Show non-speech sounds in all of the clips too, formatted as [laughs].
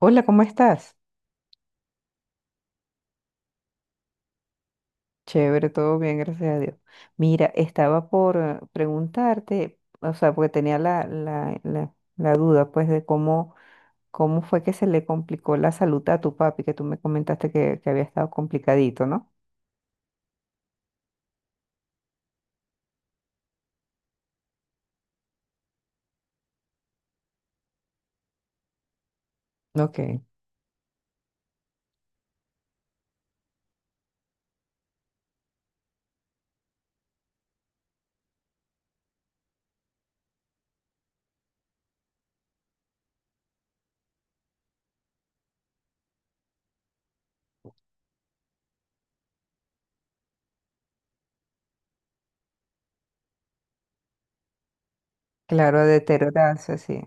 Hola, ¿cómo estás? Chévere, todo bien, gracias a Dios. Mira, estaba por preguntarte, o sea, porque tenía la duda, pues, de cómo fue que se le complicó la salud a tu papi, que tú me comentaste que había estado complicadito, ¿no? Ok, claro, a deteriorarse, sí.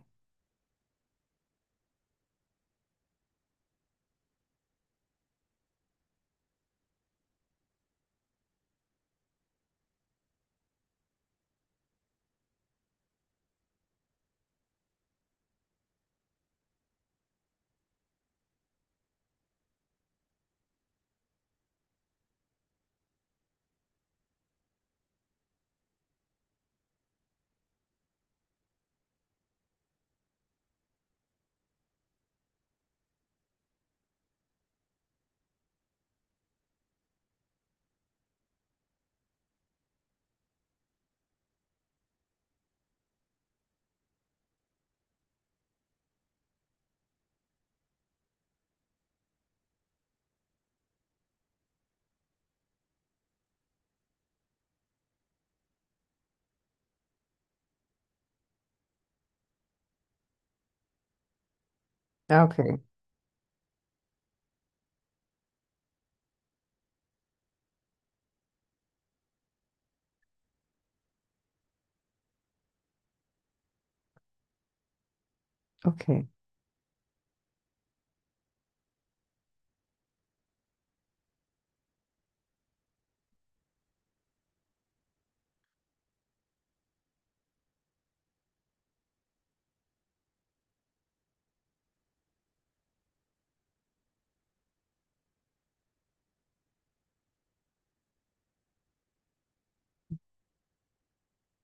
Ah, Ok, ok,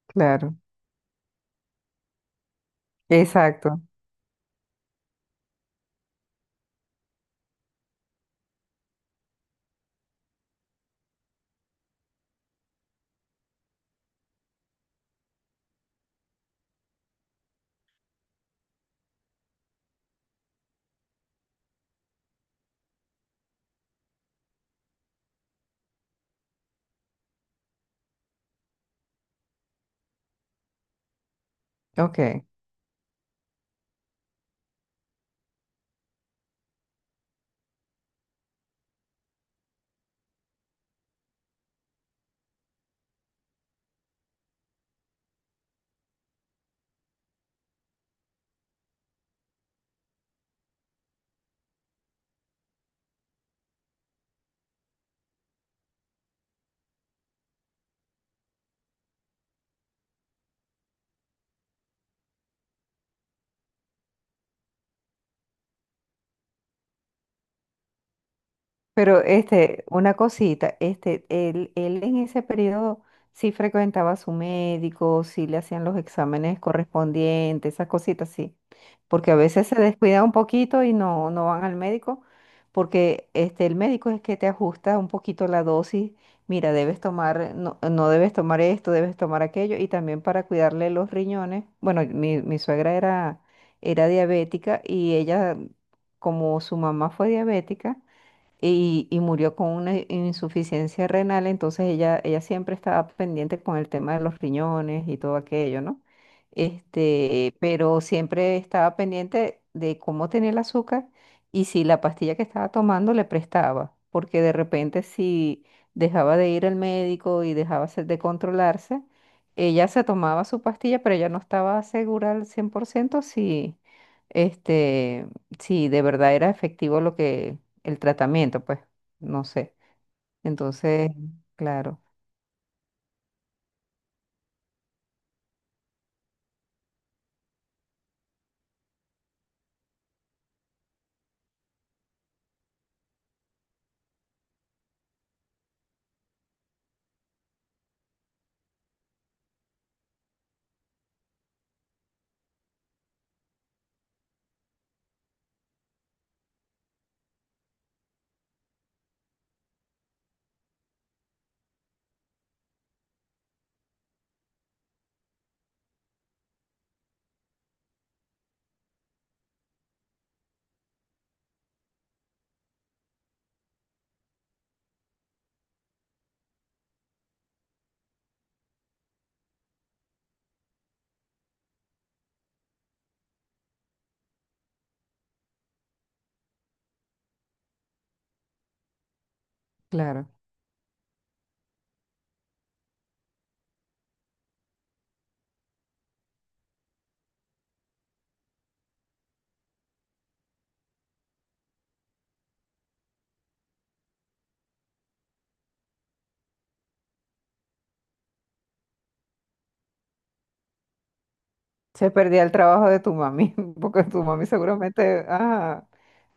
claro. Exacto, ok. Pero este, una cosita, este, él en ese periodo sí frecuentaba a su médico, sí le hacían los exámenes correspondientes, esas cositas sí. Porque a veces se descuida un poquito y no, no van al médico, porque este, el médico es que te ajusta un poquito la dosis. Mira, debes tomar, no, no debes tomar esto, debes tomar aquello, y también para cuidarle los riñones. Bueno, mi suegra era diabética y ella, como su mamá fue diabética, y murió con una insuficiencia renal, entonces ella siempre estaba pendiente con el tema de los riñones y todo aquello, ¿no? Este, pero siempre estaba pendiente de cómo tenía el azúcar y si la pastilla que estaba tomando le prestaba, porque de repente si dejaba de ir al médico y dejaba de controlarse, ella se tomaba su pastilla, pero ella no estaba segura al 100% si, este, si de verdad era efectivo lo que el tratamiento, pues, no sé. Entonces, claro, claro. Se perdía el trabajo de tu mami, [laughs] porque tu mami seguramente, ajá,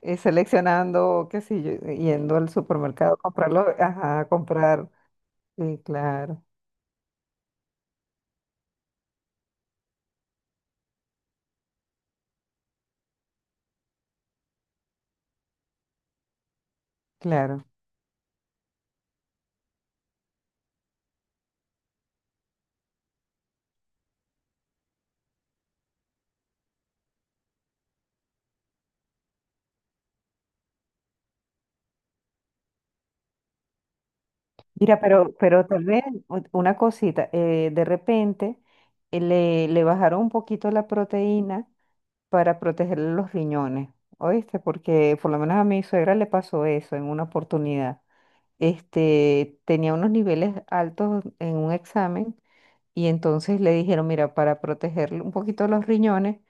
seleccionando, qué sé yo, yendo al supermercado a comprarlo, ajá, a comprar. Sí, claro, claro. Mira, pero tal vez una cosita, de repente le bajaron un poquito la proteína para protegerle los riñones, ¿oíste? Porque por lo menos a mi suegra le pasó eso en una oportunidad. Este, tenía unos niveles altos en un examen y entonces le dijeron, mira, para protegerle un poquito los riñones,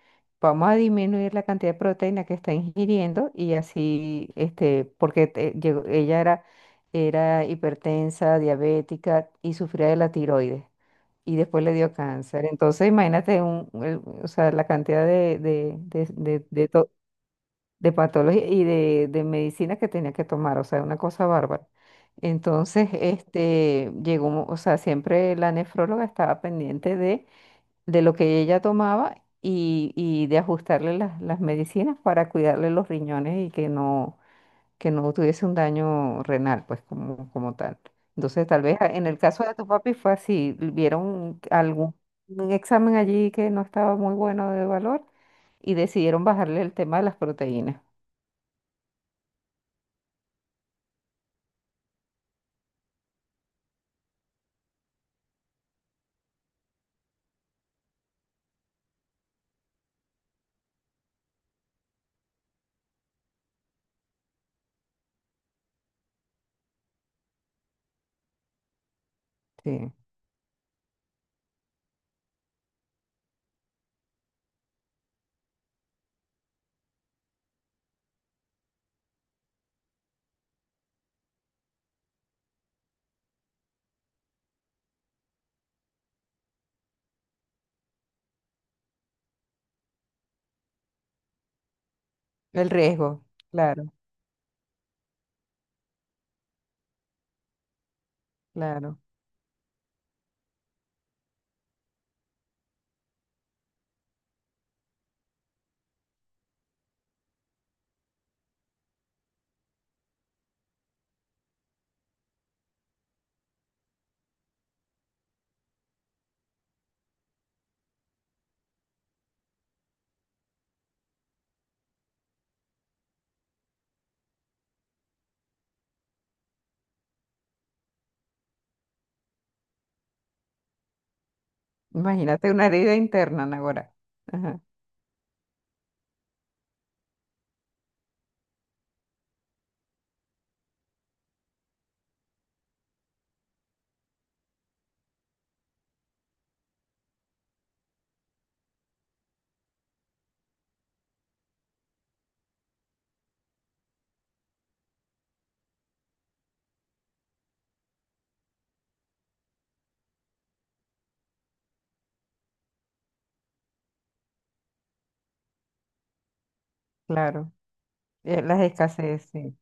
vamos a disminuir la cantidad de proteína que está ingiriendo y así, este, porque ella era hipertensa, diabética y sufría de la tiroides y después le dio cáncer. Entonces, imagínate o sea, la cantidad de patología y de medicina que tenía que tomar, o sea, una cosa bárbara. Entonces, este, llegó, o sea, siempre la nefróloga estaba pendiente de lo que ella tomaba y de ajustarle las medicinas para cuidarle los riñones y que no tuviese un daño renal, pues como tal. Entonces, tal vez en el caso de tu papi fue así, vieron algún un examen allí que no estaba muy bueno de valor y decidieron bajarle el tema de las proteínas. Sí, el riesgo, claro, claro. Imagínate una herida interna, Nagora. Ajá, claro. Las escasez, sí,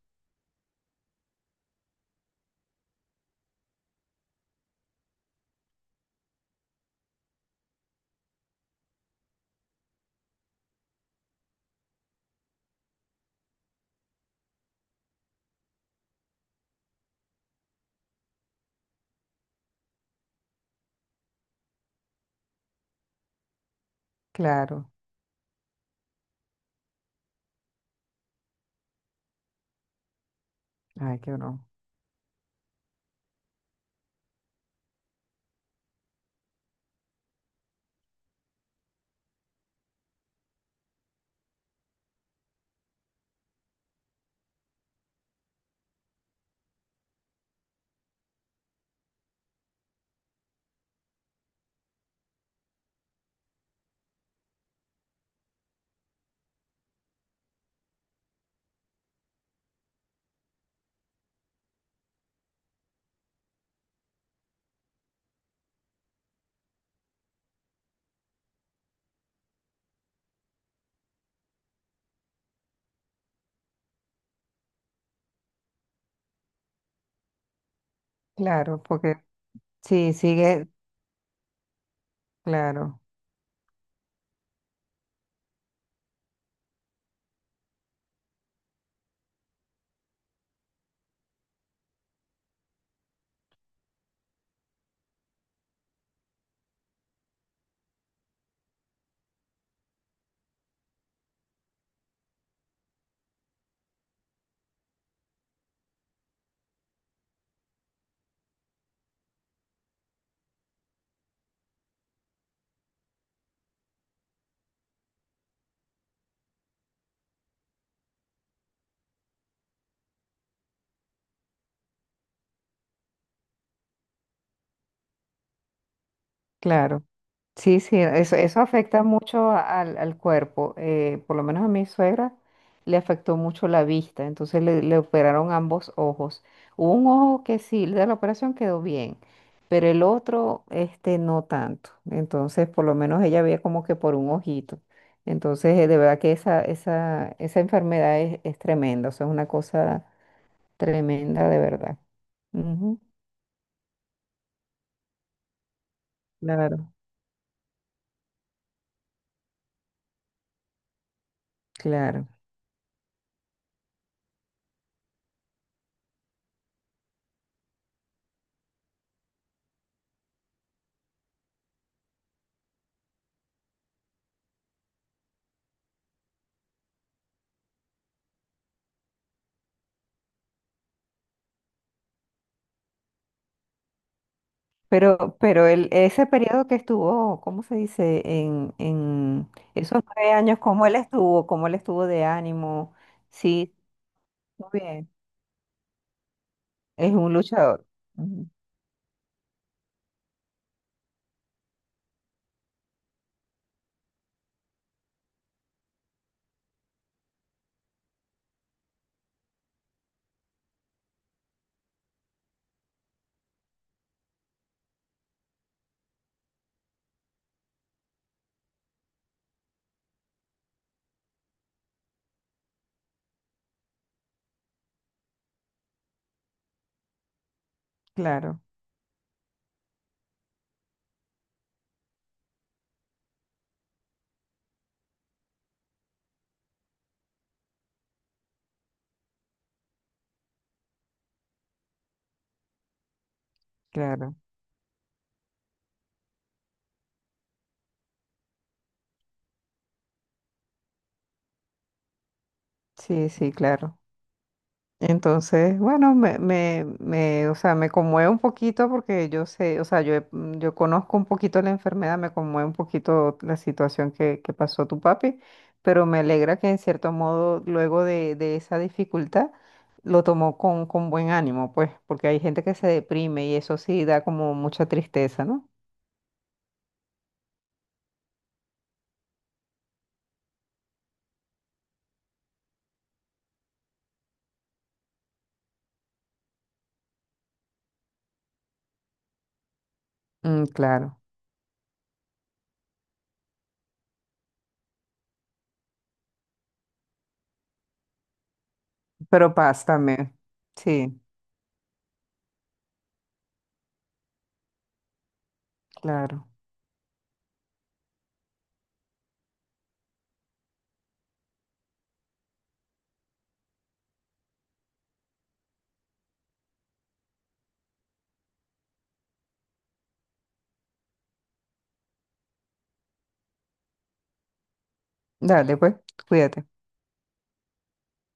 claro. Ay, qué horror. Claro, porque sí, sigue, claro, claro. Sí, sí, eso afecta mucho al cuerpo. Por lo menos a mi suegra le afectó mucho la vista, entonces le operaron ambos ojos. Hubo un ojo que sí, de la operación quedó bien, pero el otro, este, no tanto. Entonces, por lo menos ella veía como que por un ojito. Entonces, de verdad que esa enfermedad es tremenda, o sea, es una cosa tremenda de verdad. Ujú, Claro. Claro. Pero ese periodo que estuvo, ¿cómo se dice? En esos 9 años, ¿cómo él estuvo? ¿Cómo él estuvo de ánimo? Sí, muy bien. Es un luchador. Ujú, Claro, claro. Sí, sí, claro. Entonces, bueno, me, o sea, me conmueve un poquito porque yo sé, o sea, yo conozco un poquito la enfermedad, me conmueve un poquito la situación que pasó tu papi, pero me alegra que en cierto modo, luego de esa dificultad, lo tomó con buen ánimo, pues, porque hay gente que se deprime y eso sí da como mucha tristeza, ¿no? Mm, claro, pero paz también. Sí, claro. Dale, pues, cuídate.